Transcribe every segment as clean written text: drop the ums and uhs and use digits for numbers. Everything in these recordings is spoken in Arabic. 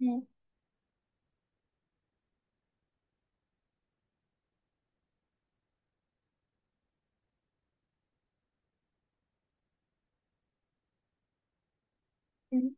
مم. مم.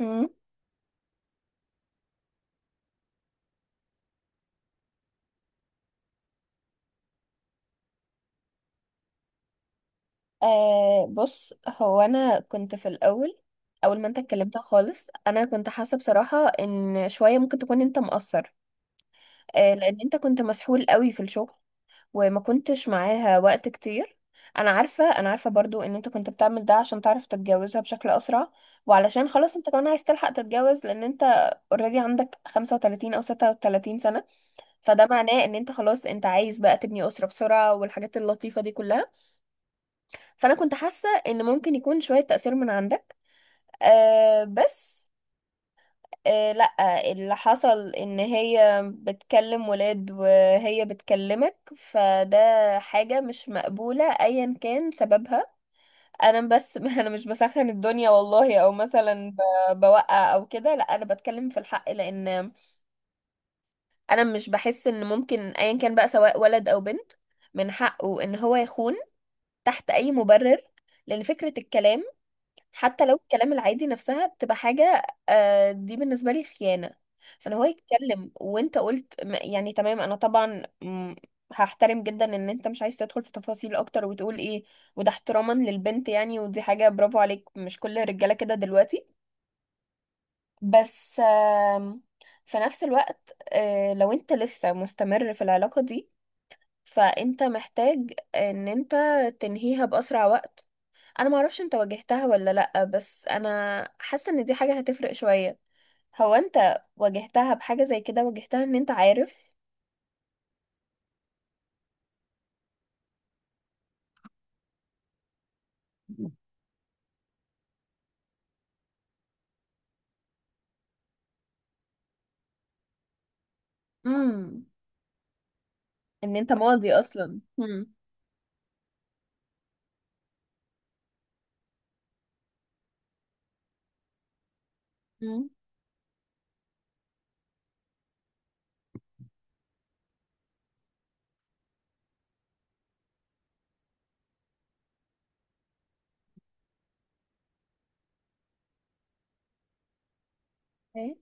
مم. آه، بص، هو انا كنت في الاول. اول ما انت اتكلمت خالص، انا كنت حاسه بصراحه ان شويه ممكن تكون انت مقصر. آه، لان انت كنت مسحول قوي في الشغل وما كنتش معاها وقت كتير. انا عارفه برضو ان انت كنت بتعمل ده عشان تعرف تتجوزها بشكل اسرع، وعلشان خلاص انت كمان عايز تلحق تتجوز، لان انت اوريدي عندك 35 او 36 سنه. فده معناه ان انت خلاص انت عايز بقى تبني اسره بسرعه، والحاجات اللطيفه دي كلها. فانا كنت حاسه ان ممكن يكون شويه تاثير من عندك. أه، بس أه، لا. اللي حصل ان هي بتكلم ولاد وهي بتكلمك، فده حاجه مش مقبوله ايا كان سببها. انا بس انا مش بسخن الدنيا والله، او مثلا بوقع او كده. لا، انا بتكلم في الحق، لان انا مش بحس ان ممكن ايا كان بقى، سواء ولد او بنت، من حقه ان هو يخون تحت اي مبرر. لان فكره الكلام، حتى لو الكلام العادي نفسها بتبقى حاجة دي بالنسبة لي خيانة. فان هو يتكلم، وانت قلت يعني تمام. انا طبعا هحترم جدا ان انت مش عايز تدخل في تفاصيل اكتر وتقول ايه، وده احتراما للبنت يعني، ودي حاجة برافو عليك، مش كل الرجالة كده دلوقتي. بس في نفس الوقت، لو انت لسه مستمر في العلاقة دي، فانت محتاج ان انت تنهيها بأسرع وقت. انا ما اعرفش انت واجهتها ولا لا، بس انا حاسه ان دي حاجه هتفرق شويه. هو انت واجهتها بحاجه زي كده، واجهتها ان انت عارف؟ امم، ان انت ماضي اصلا. مم. امم. ايه؟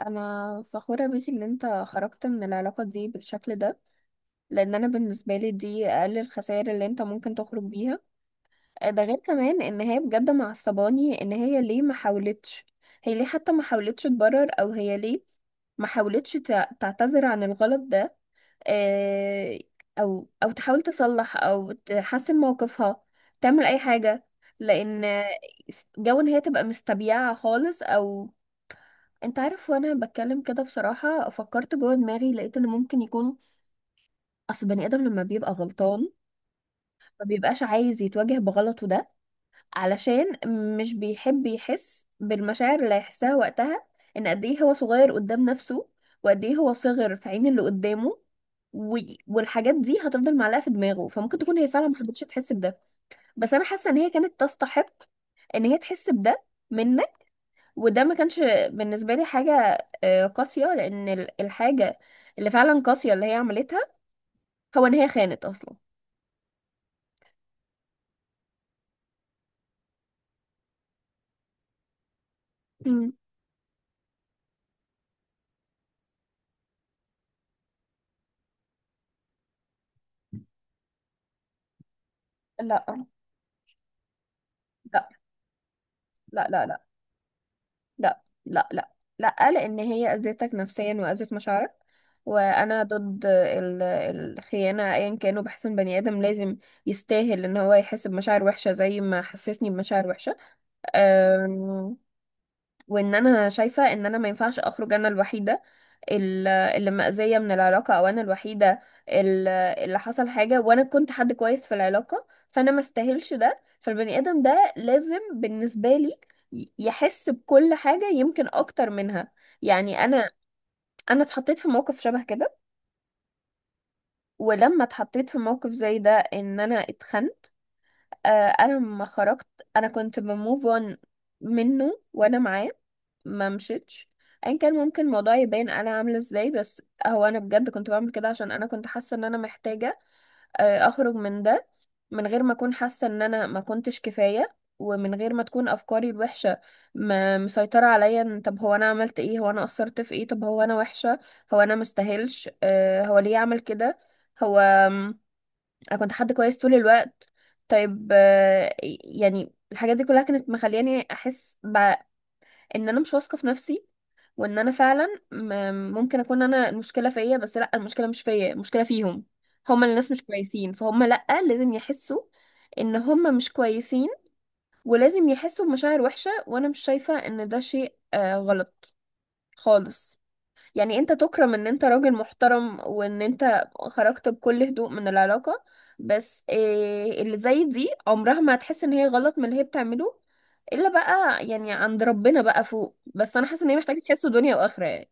انا فخوره بيك ان انت خرجت من العلاقه دي بالشكل ده، لان انا بالنسبه لي دي اقل الخسائر اللي انت ممكن تخرج بيها. ده غير كمان ان هي بجد معصباني، ان هي ليه ما حاولتش؟ هي ليه حتى ما حاولتش تبرر؟ او هي ليه ما حاولتش تعتذر عن الغلط ده؟ آه، او تحاول تصلح او تحسن موقفها، تعمل اي حاجة. لان جو ان هي تبقى مستبيعة خالص، او انت عارف، وانا بتكلم كده بصراحة، فكرت جوه دماغي، لقيت ان ممكن يكون، اصل بني ادم لما بيبقى غلطان ما بيبقاش عايز يتواجه بغلطه ده، علشان مش بيحب يحس بالمشاعر اللي هيحسها وقتها، ان قد ايه هو صغير قدام نفسه، وقد ايه هو صغر في عين اللي قدامه. و... والحاجات دي هتفضل معلقة في دماغه، فممكن تكون هي فعلا ما حبتش تحس بده. بس انا حاسة ان هي كانت تستحق ان هي تحس بده منك، وده ما كانش بالنسبة لي حاجة قاسية. لان الحاجة اللي فعلا قاسية اللي هي عملتها، هو ان هي خانت اصلا. مم. لا، لا، لا، لا، لا، لا، لا، لا، لا، لان هي اذتك نفسيا واذت مشاعرك. وانا ضد الخيانه ايا كانوا. بحس ان بني ادم لازم يستاهل ان هو يحس بمشاعر وحشه، زي ما حسسني بمشاعر وحشه. أم، وان انا شايفه ان انا ما ينفعش اخرج انا الوحيده اللي مأذية من العلاقة، أو أنا الوحيدة اللي حصل حاجة، وأنا كنت حد كويس في العلاقة. فأنا ما استاهلش ده. فالبني آدم ده لازم بالنسبة لي يحس بكل حاجة، يمكن أكتر منها. يعني أنا اتحطيت في موقف شبه كده. ولما اتحطيت في موقف زي ده، إن أنا اتخنت، أنا لما خرجت، أنا كنت بموف أون منه وأنا معاه. ما مشيتش. ايا كان ممكن الموضوع يبان انا عامله ازاي، بس هو انا بجد كنت بعمل كده عشان انا كنت حاسه ان انا محتاجه اخرج من ده، من غير ما اكون حاسه ان انا ما كنتش كفايه، ومن غير ما تكون افكاري الوحشه ما مسيطره عليا. إن طب هو انا عملت ايه؟ هو انا قصرت في ايه؟ طب هو انا وحشه؟ هو انا مستاهلش؟ هو ليه عمل كده؟ هو انا كنت حد كويس طول الوقت. طيب، يعني الحاجات دي كلها كانت مخلياني احس ان انا مش واثقه في نفسي، وان انا فعلا ممكن اكون انا المشكله فيا. بس لا، المشكله مش فيا، المشكله فيهم. هما الناس مش كويسين، فهم لا، لازم يحسوا ان هما مش كويسين، ولازم يحسوا بمشاعر وحشه. وانا مش شايفه ان ده شيء غلط خالص. يعني انت تكرم ان انت راجل محترم، وان انت خرجت بكل هدوء من العلاقه. بس اللي زي دي عمرها ما هتحس ان هي غلط من اللي هي بتعمله، الا بقى يعني عند ربنا بقى فوق. بس انا حاسه ان هي محتاجه تحس دنيا واخره يعني.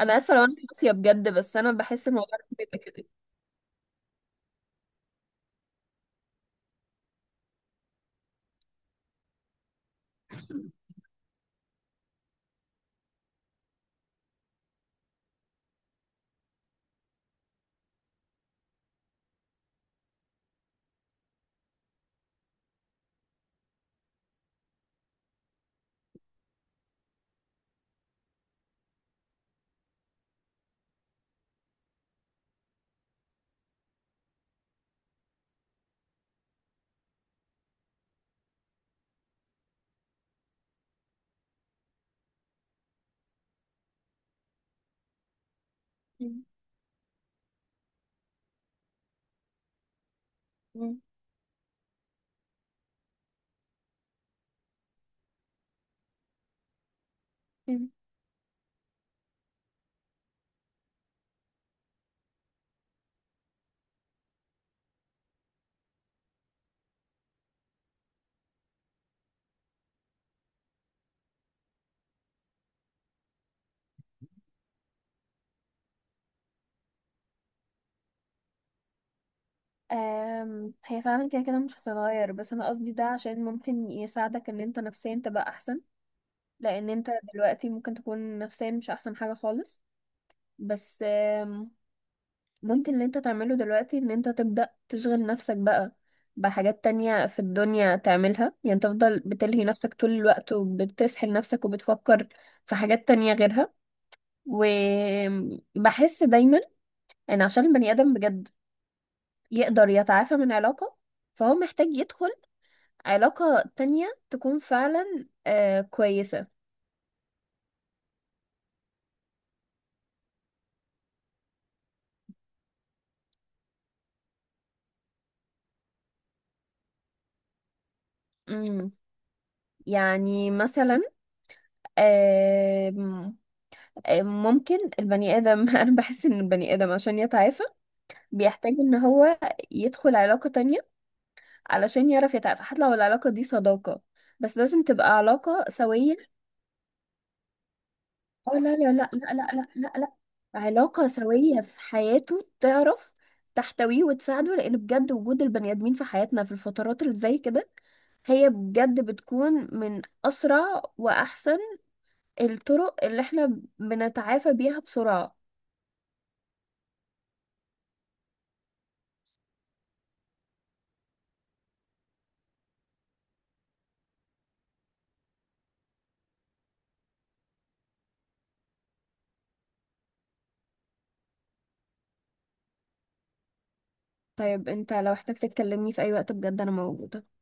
انا اسفه لو انا قاسيه بجد، بس انا بحس الموضوع ده بيبقى كده. مم. مم. مم. هي فعلا كده كده مش هتتغير، بس انا قصدي ده عشان ممكن يساعدك ان انت نفسيا تبقى احسن. لان انت دلوقتي ممكن تكون نفسيا مش احسن حاجة خالص. بس ممكن اللي انت تعمله دلوقتي ان انت تبدأ تشغل نفسك بقى بحاجات تانية في الدنيا تعملها، يعني تفضل بتلهي نفسك طول الوقت وبتسحل نفسك وبتفكر في حاجات تانية غيرها. وبحس دايما ان عشان البني آدم بجد يقدر يتعافى من علاقة، فهو محتاج يدخل علاقة تانية تكون فعلا كويسة. امم. يعني مثلا، آه ممكن البني آدم أنا بحس إن البني آدم عشان يتعافى بيحتاج ان هو يدخل علاقة تانية، علشان يعرف يتعافى، حتى لو العلاقة دي صداقة، بس لازم تبقى علاقة سوية. اه، لا، لا، لا، لا، لا، لا، لا، لا. علاقة سوية في حياته، تعرف تحتويه وتساعده، لان بجد وجود البني ادمين في حياتنا في الفترات اللي زي كده، هي بجد بتكون من اسرع واحسن الطرق اللي احنا بنتعافى بيها بسرعة. طيب انت لو احتاج تتكلمني في اي وقت، بجد انا موجودة.